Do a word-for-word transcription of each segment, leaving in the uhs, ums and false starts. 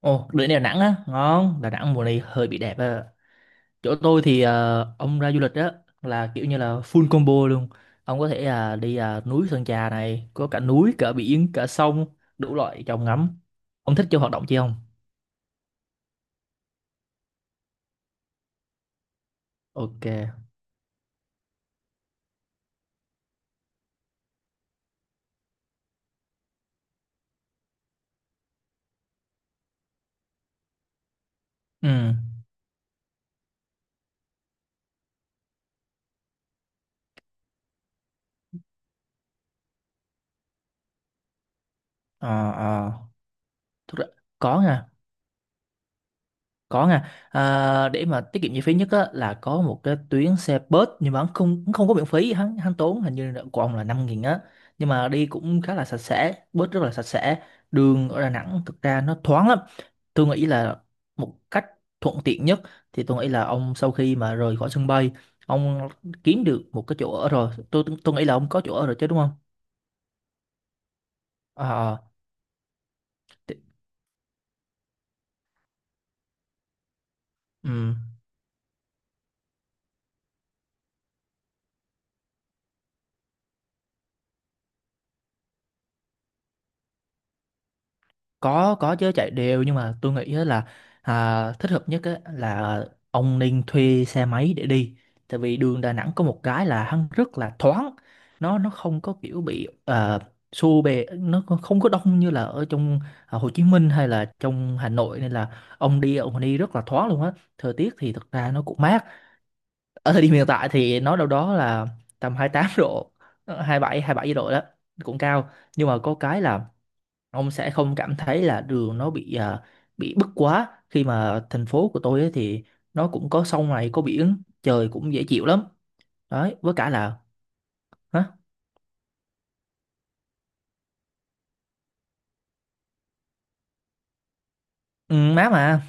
Ồ, đứa này Đà Nẵng á, ngon. Đà Nẵng mùa này hơi bị đẹp á. Chỗ tôi thì ờ, ông ra du lịch á là kiểu như là full combo luôn. Ông có thể là đi ờ, núi Sơn Trà này, có cả núi, cả biển, cả sông, đủ loại chồng ngắm. Ông thích chơi hoạt động chi không? Ok. Ừ. Ờ, ờ. Thực ra có nha. Có nha, à, để mà tiết kiệm chi phí nhất á, là có một cái tuyến xe bus nhưng mà hắn không hắn không có miễn phí, hắn hắn tốn hình như là của ông là năm nghìn á. Nhưng mà đi cũng khá là sạch sẽ, bus rất là sạch sẽ. Đường ở Đà Nẵng thực ra nó thoáng lắm. Tôi nghĩ là một cách thuận tiện nhất thì tôi nghĩ là ông sau khi mà rời khỏi sân bay, ông kiếm được một cái chỗ ở rồi. Tôi tôi nghĩ là ông có chỗ ở rồi chứ đúng không? À, có có chứ chạy đều nhưng mà tôi nghĩ á là à, thích hợp nhất á là ông nên thuê xe máy để đi tại vì đường Đà Nẵng có một cái là hắn rất là thoáng, nó nó không có kiểu bị uh, xô bề, nó còn không có đông như là ở trong à, Hồ Chí Minh hay là trong Hà Nội, nên là ông đi ông đi rất là thoáng luôn á. Thời tiết thì thật ra nó cũng mát, ở thời điểm hiện tại thì nó đâu đó là tầm hai mươi tám độ, 27 bảy độ đó, cũng cao. Nhưng mà có cái là ông sẽ không cảm thấy là đường nó bị à, bị bức quá, khi mà thành phố của tôi ấy thì nó cũng có sông này, có biển, trời cũng dễ chịu lắm đấy. Với cả là hả, ừ, má mà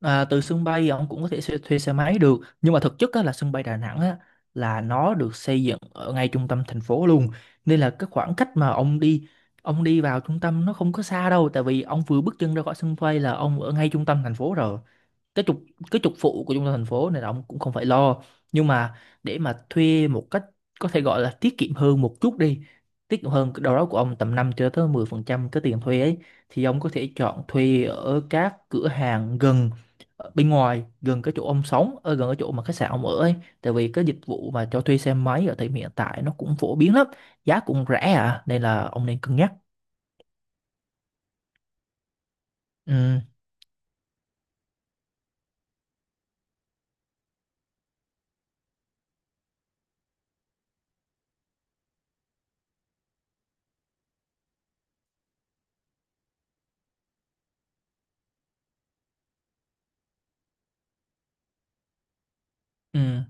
à, từ sân bay ông cũng có thể thuê, thuê xe máy được, nhưng mà thực chất á, là sân bay Đà Nẵng á, là nó được xây dựng ở ngay trung tâm thành phố luôn. Nên là cái khoảng cách mà ông đi ông đi vào trung tâm nó không có xa đâu, tại vì ông vừa bước chân ra khỏi sân bay là ông ở ngay trung tâm thành phố rồi. cái trục cái trục phụ của trung tâm thành phố, nên là ông cũng không phải lo. Nhưng mà để mà thuê một cách có thể gọi là tiết kiệm hơn một chút đi, tiết kiệm hơn đâu đó của ông tầm năm cho tới mười phần trăm cái tiền thuê ấy, thì ông có thể chọn thuê ở các cửa hàng gần ở bên ngoài, gần cái chỗ ông sống, ở gần cái chỗ mà khách sạn ông ở ấy. Tại vì cái dịch vụ mà cho thuê xe máy ở thời điểm hiện tại nó cũng phổ biến lắm, giá cũng rẻ à, nên là ông nên cân nhắc. Ừ, ừ,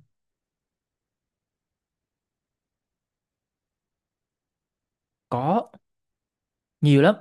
có nhiều lắm.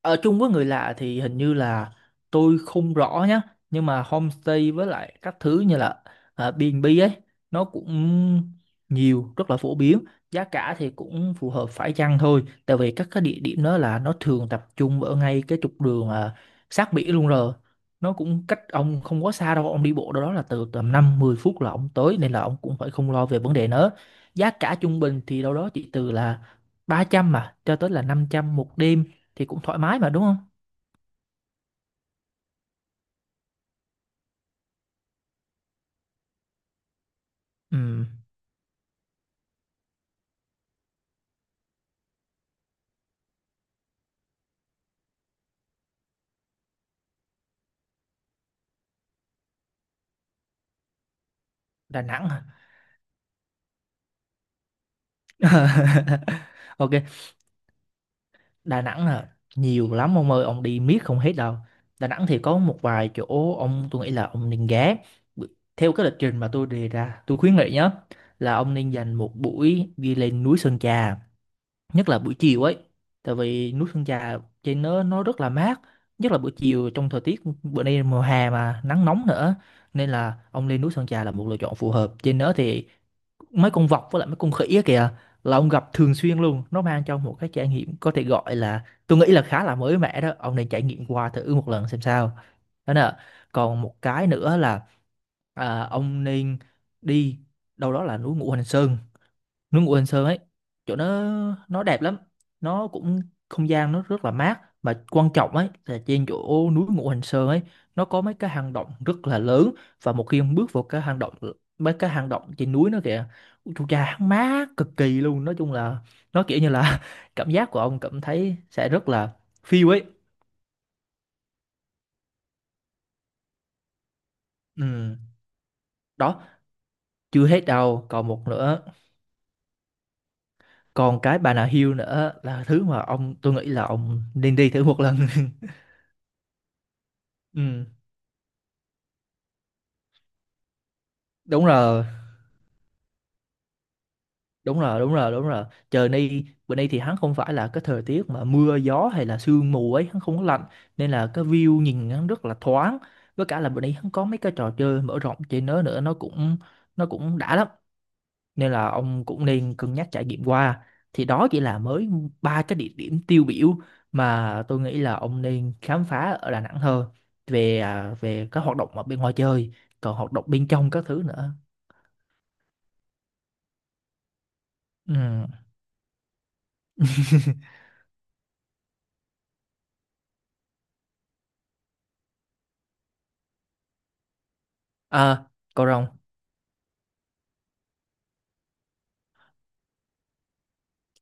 Ở chung với người lạ thì hình như là tôi không rõ nhá, nhưng mà homestay với lại các thứ như là uh, B B ấy nó cũng nhiều, rất là phổ biến. Giá cả thì cũng phù hợp, phải chăng thôi, tại vì các cái địa điểm đó là nó thường tập trung ở ngay cái trục đường à, sát biển luôn rồi. Nó cũng cách ông không quá xa đâu, ông đi bộ đâu đó là từ tầm năm mười phút là ông tới, nên là ông cũng phải không lo về vấn đề nữa. Giá cả trung bình thì đâu đó chỉ từ là ba trăm mà cho tới là năm trăm một đêm, thì cũng thoải mái mà đúng không? Ừm, Đà Nẵng hả? Ok, Đà Nẵng là nhiều lắm ông ơi, ông đi miết không hết đâu. Đà Nẵng thì có một vài chỗ ông tôi nghĩ là ông nên ghé. B- Theo cái lịch trình mà tôi đề ra, tôi khuyến nghị nhá, là ông nên dành một buổi đi lên núi Sơn Trà, nhất là buổi chiều ấy. Tại vì núi Sơn Trà trên nó nó rất là mát, nhất là buổi chiều trong thời tiết bữa nay mùa hè mà nắng nóng nữa, nên là ông lên núi Sơn Trà là một lựa chọn phù hợp. Trên đó thì mấy con vọc với lại mấy con khỉ á kìa là ông gặp thường xuyên luôn, nó mang cho ông một cái trải nghiệm có thể gọi là tôi nghĩ là khá là mới mẻ, đó ông nên trải nghiệm qua thử một lần xem sao. Đó nè, còn một cái nữa là à, ông nên đi đâu đó là núi Ngũ Hành Sơn. Núi Ngũ Hành Sơn ấy, chỗ nó nó đẹp lắm, nó cũng không gian nó rất là mát, mà quan trọng ấy là trên chỗ núi Ngũ Hành Sơn ấy nó có mấy cái hang động rất là lớn. Và một khi ông bước vào cái hang động, mấy cái hang động trên núi nó kìa, ui chú cha hắn mát cực kỳ luôn, nói chung là nó kiểu như là cảm giác của ông cảm thấy sẽ rất là phiêu ấy. Ừ, đó. Chưa hết đâu, còn một nữa, còn cái Bà Nà Hills nữa là thứ mà ông tôi nghĩ là ông nên đi thử một lần. Ừ. đúng rồi đúng rồi đúng rồi đúng rồi Trời nay bữa nay thì hắn không phải là cái thời tiết mà mưa gió hay là sương mù ấy, hắn không có lạnh, nên là cái view nhìn hắn rất là thoáng. Với cả là bữa nay hắn có mấy cái trò chơi mở rộng trên đó nữa, nó cũng nó cũng đã lắm, nên là ông cũng nên cân nhắc trải nghiệm qua. Thì đó chỉ là mới ba cái địa điểm tiêu biểu mà tôi nghĩ là ông nên khám phá ở Đà Nẵng thôi, về à, về các hoạt động ở bên ngoài chơi, còn hoạt động bên trong các thứ nữa. Ừ. à, Cậu Rồng.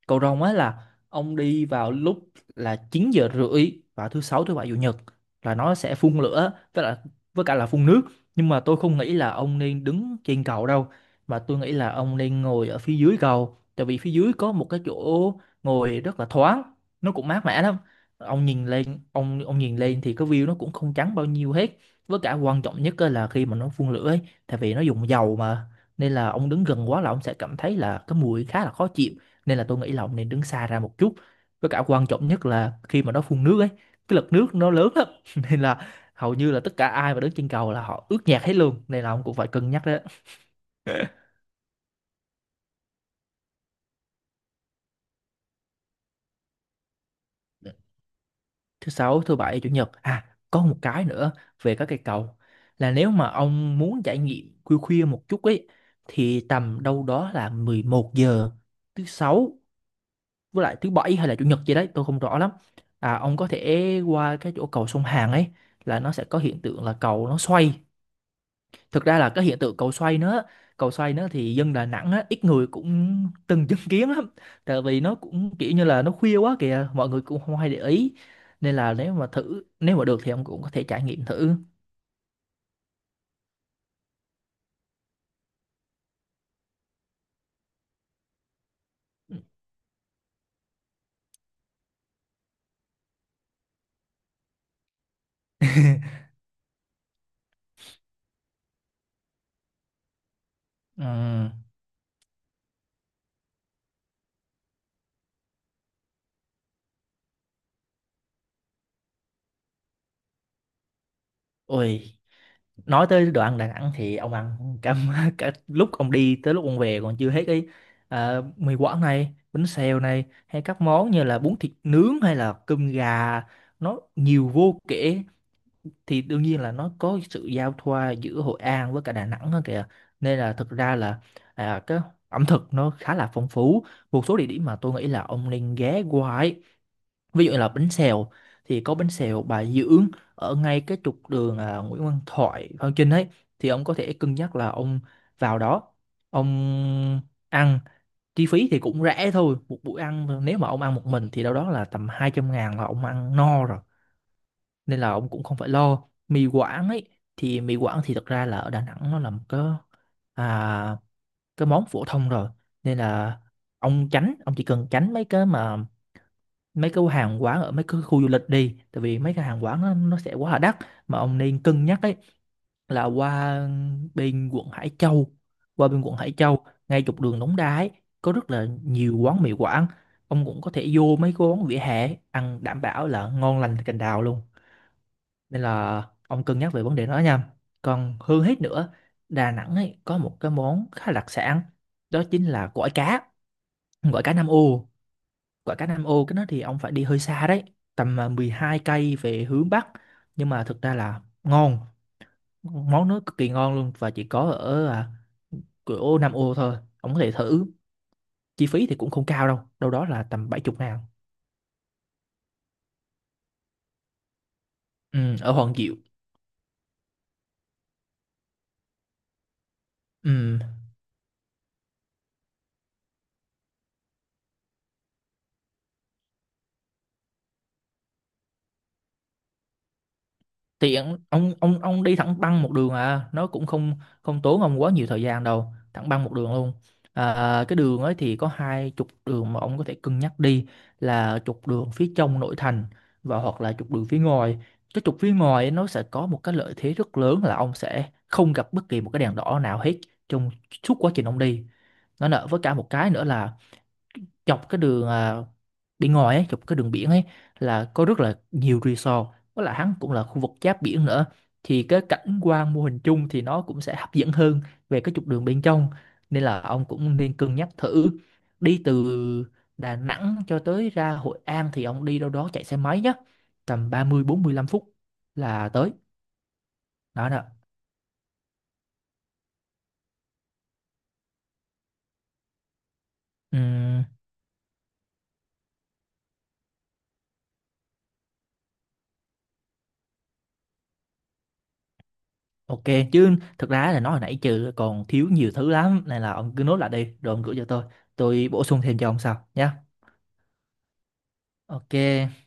Cầu rồng á là ông đi vào lúc là chín giờ rưỡi vào thứ sáu, thứ bảy, chủ nhật, là nó sẽ phun lửa với là với cả là phun nước. Nhưng mà tôi không nghĩ là ông nên đứng trên cầu đâu, mà tôi nghĩ là ông nên ngồi ở phía dưới cầu, tại vì phía dưới có một cái chỗ ngồi rất là thoáng, nó cũng mát mẻ lắm. Ông nhìn lên ông ông nhìn lên thì cái view nó cũng không trắng bao nhiêu hết. Với cả quan trọng nhất á là khi mà nó phun lửa ấy, tại vì nó dùng dầu mà, nên là ông đứng gần quá là ông sẽ cảm thấy là cái mùi khá là khó chịu, nên là tôi nghĩ là ông nên đứng xa ra một chút. Với cả quan trọng nhất là khi mà nó phun nước ấy, cái lực nước nó lớn lắm, nên là hầu như là tất cả ai mà đứng trên cầu là họ ướt nhẹp hết luôn, nên là ông cũng phải cân nhắc đấy. Thứ sáu, thứ bảy, chủ nhật. À, có một cái nữa về các cây cầu, là nếu mà ông muốn trải nghiệm khuya khuya một chút ấy, thì tầm đâu đó là mười một giờ thứ sáu với lại thứ bảy hay là chủ nhật gì đấy tôi không rõ lắm. À, ông có thể qua cái chỗ cầu sông Hàn ấy, là nó sẽ có hiện tượng là cầu nó xoay. Thực ra là cái hiện tượng cầu xoay nữa, cầu xoay nữa thì dân Đà Nẵng á, ít người cũng từng chứng kiến lắm, tại vì nó cũng kiểu như là nó khuya quá kìa, mọi người cũng không hay để ý, nên là nếu mà thử nếu mà được thì ông cũng có thể trải nghiệm thử. Ừm, ôi nói tới đồ ăn Đà Nẵng thì ông ăn cả, cả lúc ông đi tới lúc ông về còn chưa hết cái à, mì Quảng này, bánh xèo này, hay các món như là bún thịt nướng hay là cơm gà, nó nhiều vô kể. Thì đương nhiên là nó có sự giao thoa giữa Hội An với cả Đà Nẵng đó kìa, nên là thực ra là à, cái ẩm thực nó khá là phong phú. Một số địa điểm mà tôi nghĩ là ông nên ghé qua ấy, ví dụ như là bánh xèo thì có bánh xèo Bà Dưỡng, ở ngay cái trục đường à, Nguyễn Văn Thoại Phan Chinh ấy, thì ông có thể cân nhắc là ông vào đó ông ăn. Chi phí thì cũng rẻ thôi, một buổi ăn nếu mà ông ăn một mình thì đâu đó là tầm hai trăm ngàn là ông ăn no rồi, nên là ông cũng không phải lo. Mì Quảng ấy, thì mì Quảng thì thật ra là ở Đà Nẵng nó là một cái à, cái món phổ thông rồi, nên là ông tránh ông chỉ cần tránh mấy cái mà mấy cái hàng quán ở mấy cái khu du lịch đi, tại vì mấy cái hàng quán nó, nó sẽ quá là đắt, mà ông nên cân nhắc ấy là qua bên quận Hải Châu qua bên quận Hải Châu ngay trục đường Đống Đa ấy có rất là nhiều quán mì Quảng. Ông cũng có thể vô mấy cái quán vỉa hè ấy, ăn đảm bảo là ngon lành cành đào luôn, nên là ông cân nhắc về vấn đề đó nha. Còn hơn hết nữa, Đà Nẵng ấy có một cái món khá đặc sản, đó chính là gỏi cá, gỏi cá Nam ô. Gỏi cá Nam ô cái đó thì ông phải đi hơi xa đấy, tầm à, mười hai cây về hướng Bắc. Nhưng mà thực ra là ngon, món nó cực kỳ ngon luôn và chỉ có ở à, cửa ô Nam ô thôi. Ông có thể thử, chi phí thì cũng không cao đâu, đâu đó là tầm bảy chục ngàn. Ừ, ở Hoàng Diệu. Ừ, thì ông ông ông ông đi thẳng băng một đường à, nó cũng không không tốn ông quá nhiều thời gian đâu, thẳng băng một đường luôn. À, cái đường ấy thì có hai trục đường mà ông có thể cân nhắc đi, là trục đường phía trong nội thành và hoặc là trục đường phía ngoài. Cái trục phía ngoài ấy, nó sẽ có một cái lợi thế rất lớn là ông sẽ không gặp bất kỳ một cái đèn đỏ nào hết trong suốt quá trình ông đi. Nó nợ với cả một cái nữa là dọc cái đường à, bên ngoài ấy, dọc cái đường biển ấy là có rất là nhiều resort, với lại hắn cũng là khu vực giáp biển nữa, thì cái cảnh quan mô hình chung thì nó cũng sẽ hấp dẫn hơn về cái trục đường bên trong, nên là ông cũng nên cân nhắc thử. Đi từ Đà Nẵng cho tới ra Hội An thì ông đi đâu đó chạy xe máy nhé, tầm ba mươi bốn mươi lăm phút là tới. Đó nè. Ok, chứ thực ra là nói hồi nãy trừ còn thiếu nhiều thứ lắm, nên là ông cứ nốt lại đi rồi ông gửi cho tôi tôi bổ sung thêm cho ông sau nhé. Ok.